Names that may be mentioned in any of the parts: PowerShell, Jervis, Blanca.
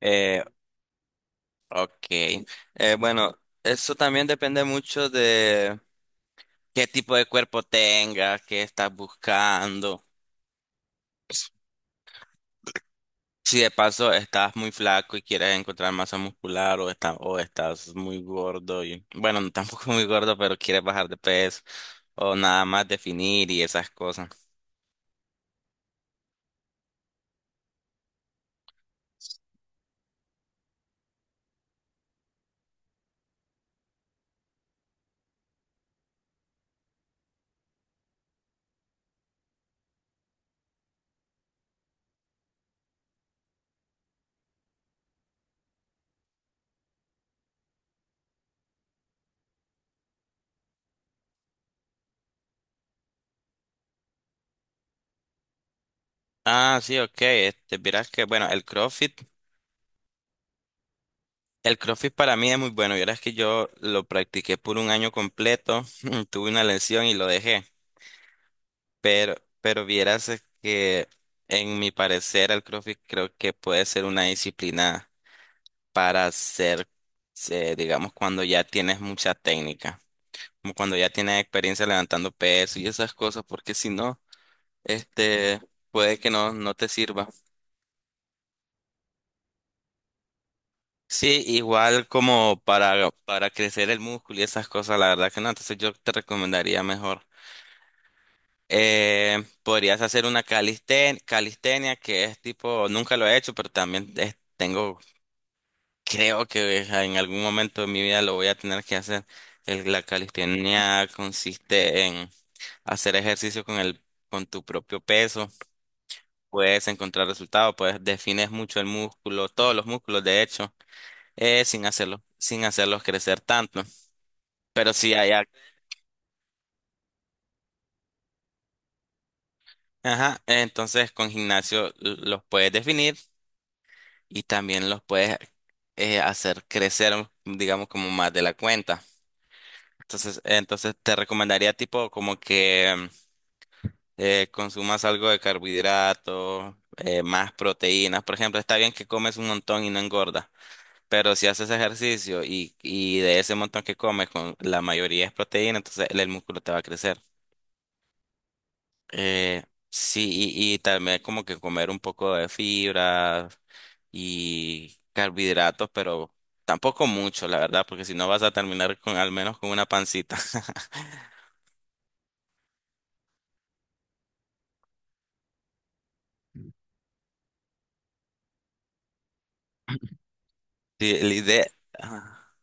Eh, ok. Bueno, eso también depende mucho de qué tipo de cuerpo tengas, qué estás buscando. Si de paso estás muy flaco y quieres encontrar masa muscular o, o estás muy gordo y bueno, no, tampoco muy gordo, pero quieres bajar de peso o nada más definir y esas cosas. Ah, sí, ok. Este, verás que bueno, el CrossFit para mí es muy bueno. Verás que yo lo practiqué por un año completo, tuve una lesión y lo dejé. Pero, pero vieras es que, en mi parecer, el CrossFit creo que puede ser una disciplina para hacer, digamos, cuando ya tienes mucha técnica, como cuando ya tienes experiencia levantando peso y esas cosas, porque si no, este, puede que no, no te sirva. Sí, igual como para crecer el músculo y esas cosas, la verdad que no, entonces yo te recomendaría mejor. Podrías hacer una calistenia, que es tipo, nunca lo he hecho, pero también tengo, creo que en algún momento de mi vida lo voy a tener que hacer. La calistenia consiste en hacer ejercicio con con tu propio peso. Puedes encontrar resultados, puedes defines mucho el músculo, todos los músculos, de hecho, sin hacerlo, sin hacerlos crecer tanto. Pero si hay, ajá, entonces con gimnasio los puedes definir y también los puedes hacer crecer, digamos, como más de la cuenta. Entonces te recomendaría tipo como que consumas algo de carbohidratos, más proteínas. Por ejemplo, está bien que comes un montón y no engordas, pero si haces ejercicio y de ese montón que comes, con la mayoría es proteína, entonces el músculo te va a crecer. Eh, sí, y también como que comer un poco de fibra y carbohidratos, pero tampoco mucho, la verdad, porque si no vas a terminar con al menos con una pancita. Sí, la idea, ajá,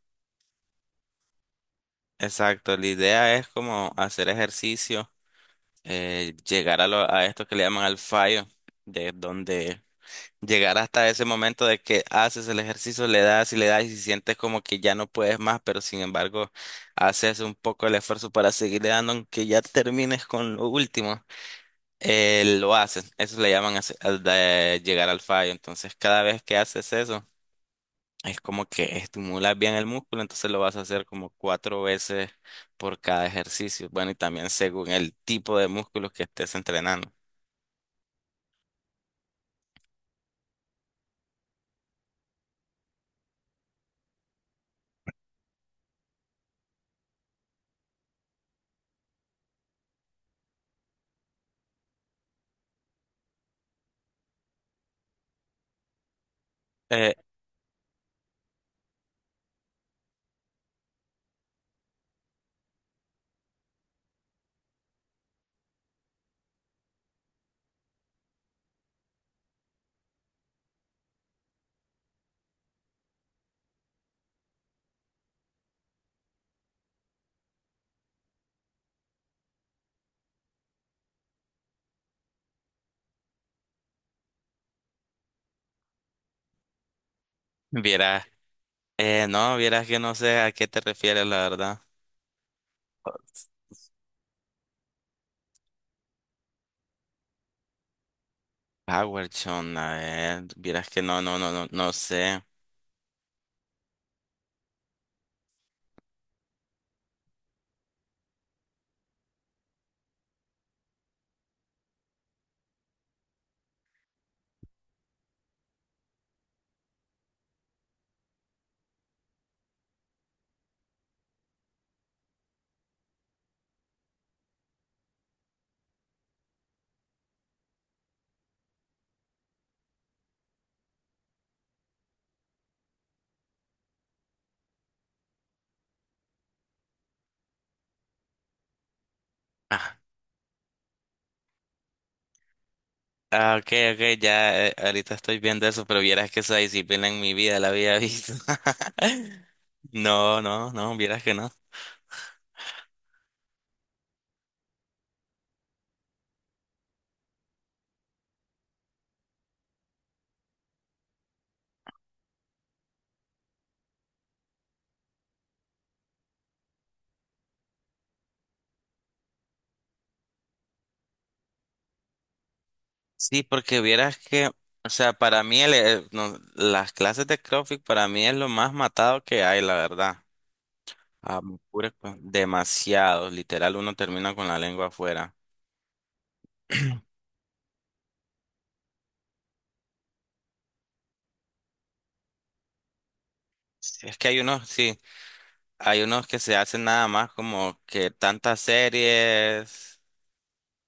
exacto, la idea es como hacer ejercicio, llegar a esto que le llaman al fallo, de donde llegar hasta ese momento de que haces el ejercicio, le das y sientes como que ya no puedes más, pero sin embargo haces un poco el esfuerzo para seguirle dando, aunque ya termines con lo último, lo haces. Eso le llaman al de llegar al fallo. Entonces cada vez que haces eso, es como que estimulas bien el músculo, entonces lo vas a hacer como cuatro veces por cada ejercicio. Bueno, y también según el tipo de músculos que estés entrenando. Eh, Vieras, no, vieras que no sé a qué te refieres, la verdad. PowerShell, a ver, vieras que no, no, no, no, no sé. Ah, ah, ok, ok, ya, ahorita estoy viendo eso, pero vieras que esa disciplina en mi vida la había visto. No, no, no, vieras que no. Sí, porque vieras que, o sea, para mí no, las clases de CrossFit para mí es lo más matado que hay, la verdad. Ah, demasiado, literal, uno termina con la lengua afuera. Sí, es que hay unos, sí. Hay unos que se hacen nada más como que tantas series,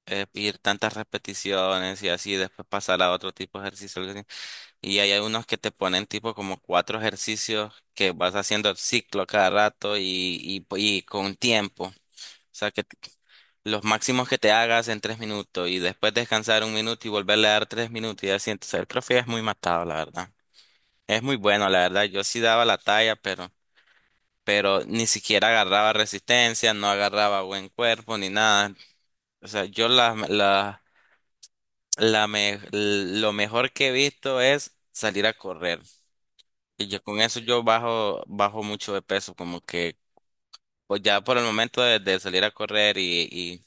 y tantas repeticiones y así, después pasar a otro tipo de ejercicio. Algo así. Y hay unos que te ponen tipo como cuatro ejercicios que vas haciendo el ciclo cada rato y, y con tiempo. O sea, que los máximos que te hagas en 3 minutos y después descansar 1 minuto y volverle a dar 3 minutos y así. Entonces, el profe es muy matado, la verdad. Es muy bueno, la verdad. Yo sí daba la talla, pero ni siquiera agarraba resistencia, no agarraba buen cuerpo ni nada. O sea, yo lo mejor que he visto es salir a correr. Y yo con eso yo bajo mucho de peso, como que pues ya por el momento de salir a correr y,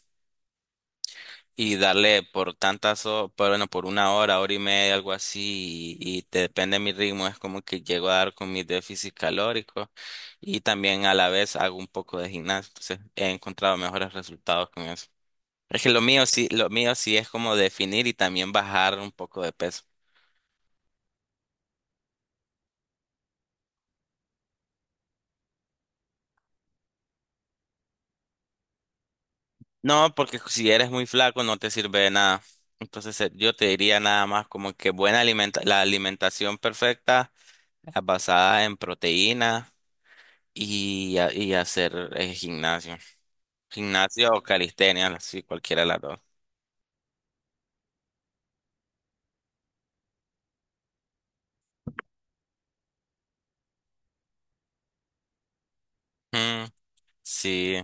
y darle por tantas, por, bueno, por una hora, hora y media, algo así, y te depende de mi ritmo, es como que llego a dar con mi déficit calórico y también a la vez hago un poco de gimnasio, entonces he encontrado mejores resultados con eso. Es que lo mío sí es como definir y también bajar un poco de peso. No, porque si eres muy flaco no te sirve de nada. Entonces yo te diría nada más como que buena alimenta la alimentación perfecta, basada en proteínas y hacer gimnasio. Gimnasio o calistenia, sí, cualquiera de las dos. Mm, sí,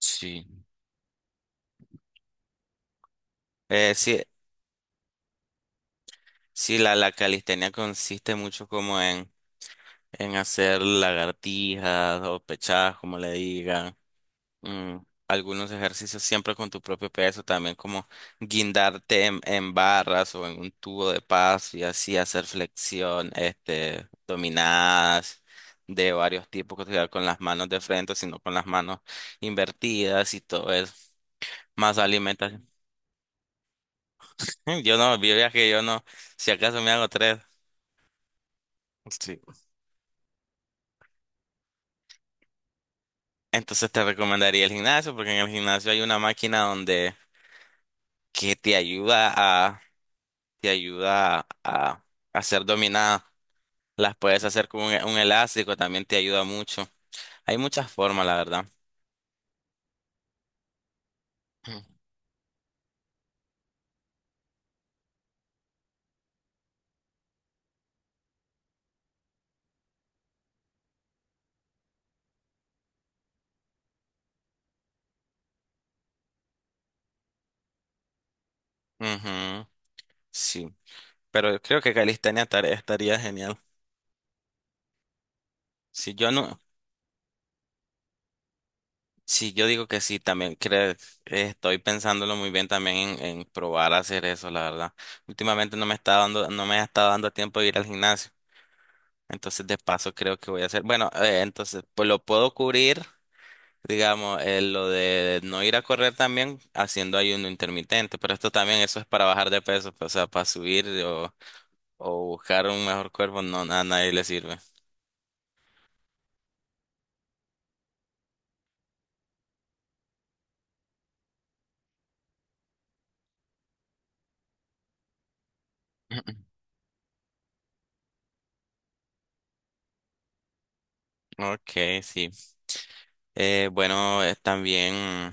sí. Sí, sí, la calistenia consiste mucho como en hacer lagartijas o pechadas, como le digan. mm, Algunos ejercicios siempre con tu propio peso, también como guindarte en barras o en un tubo de paso y así hacer flexión, este, dominadas de varios tipos, que sea con las manos de frente, sino con las manos invertidas y todo eso. Más alimentación. Yo no, yo ya que yo no, si acaso me hago tres. Sí. Entonces te recomendaría el gimnasio, porque en el gimnasio hay una máquina donde que te ayuda a, te ayuda a, a hacer dominada. Las puedes hacer con un elástico, también te ayuda mucho. Hay muchas formas, la verdad. Ujú, sí, pero yo creo que calistenia estaría genial. Si yo no, si yo digo que sí, también creo, estoy pensándolo muy bien también en probar a hacer eso, la verdad. Últimamente no me está dando, no me ha estado dando tiempo de ir al gimnasio. Entonces, de paso, creo que voy a hacer. Bueno, entonces, pues lo puedo cubrir. Digamos, lo de no ir a correr también haciendo ayuno intermitente, pero esto también eso es para bajar de peso, pues, o sea, para subir o, buscar un mejor cuerpo, no, a nadie le sirve. Ok, sí. Bueno, también,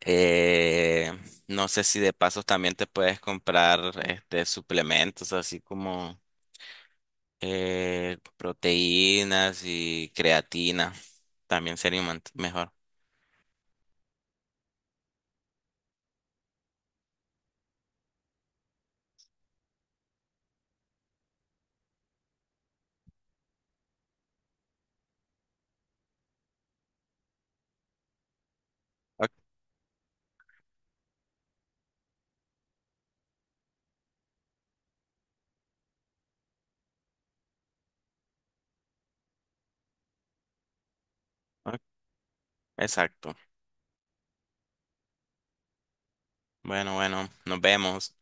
eh, no sé si de pasos también te puedes comprar este suplementos, así como proteínas y creatina, también sería un mejor. Ok, ok, exacto. Bueno, bueno, nos vemos.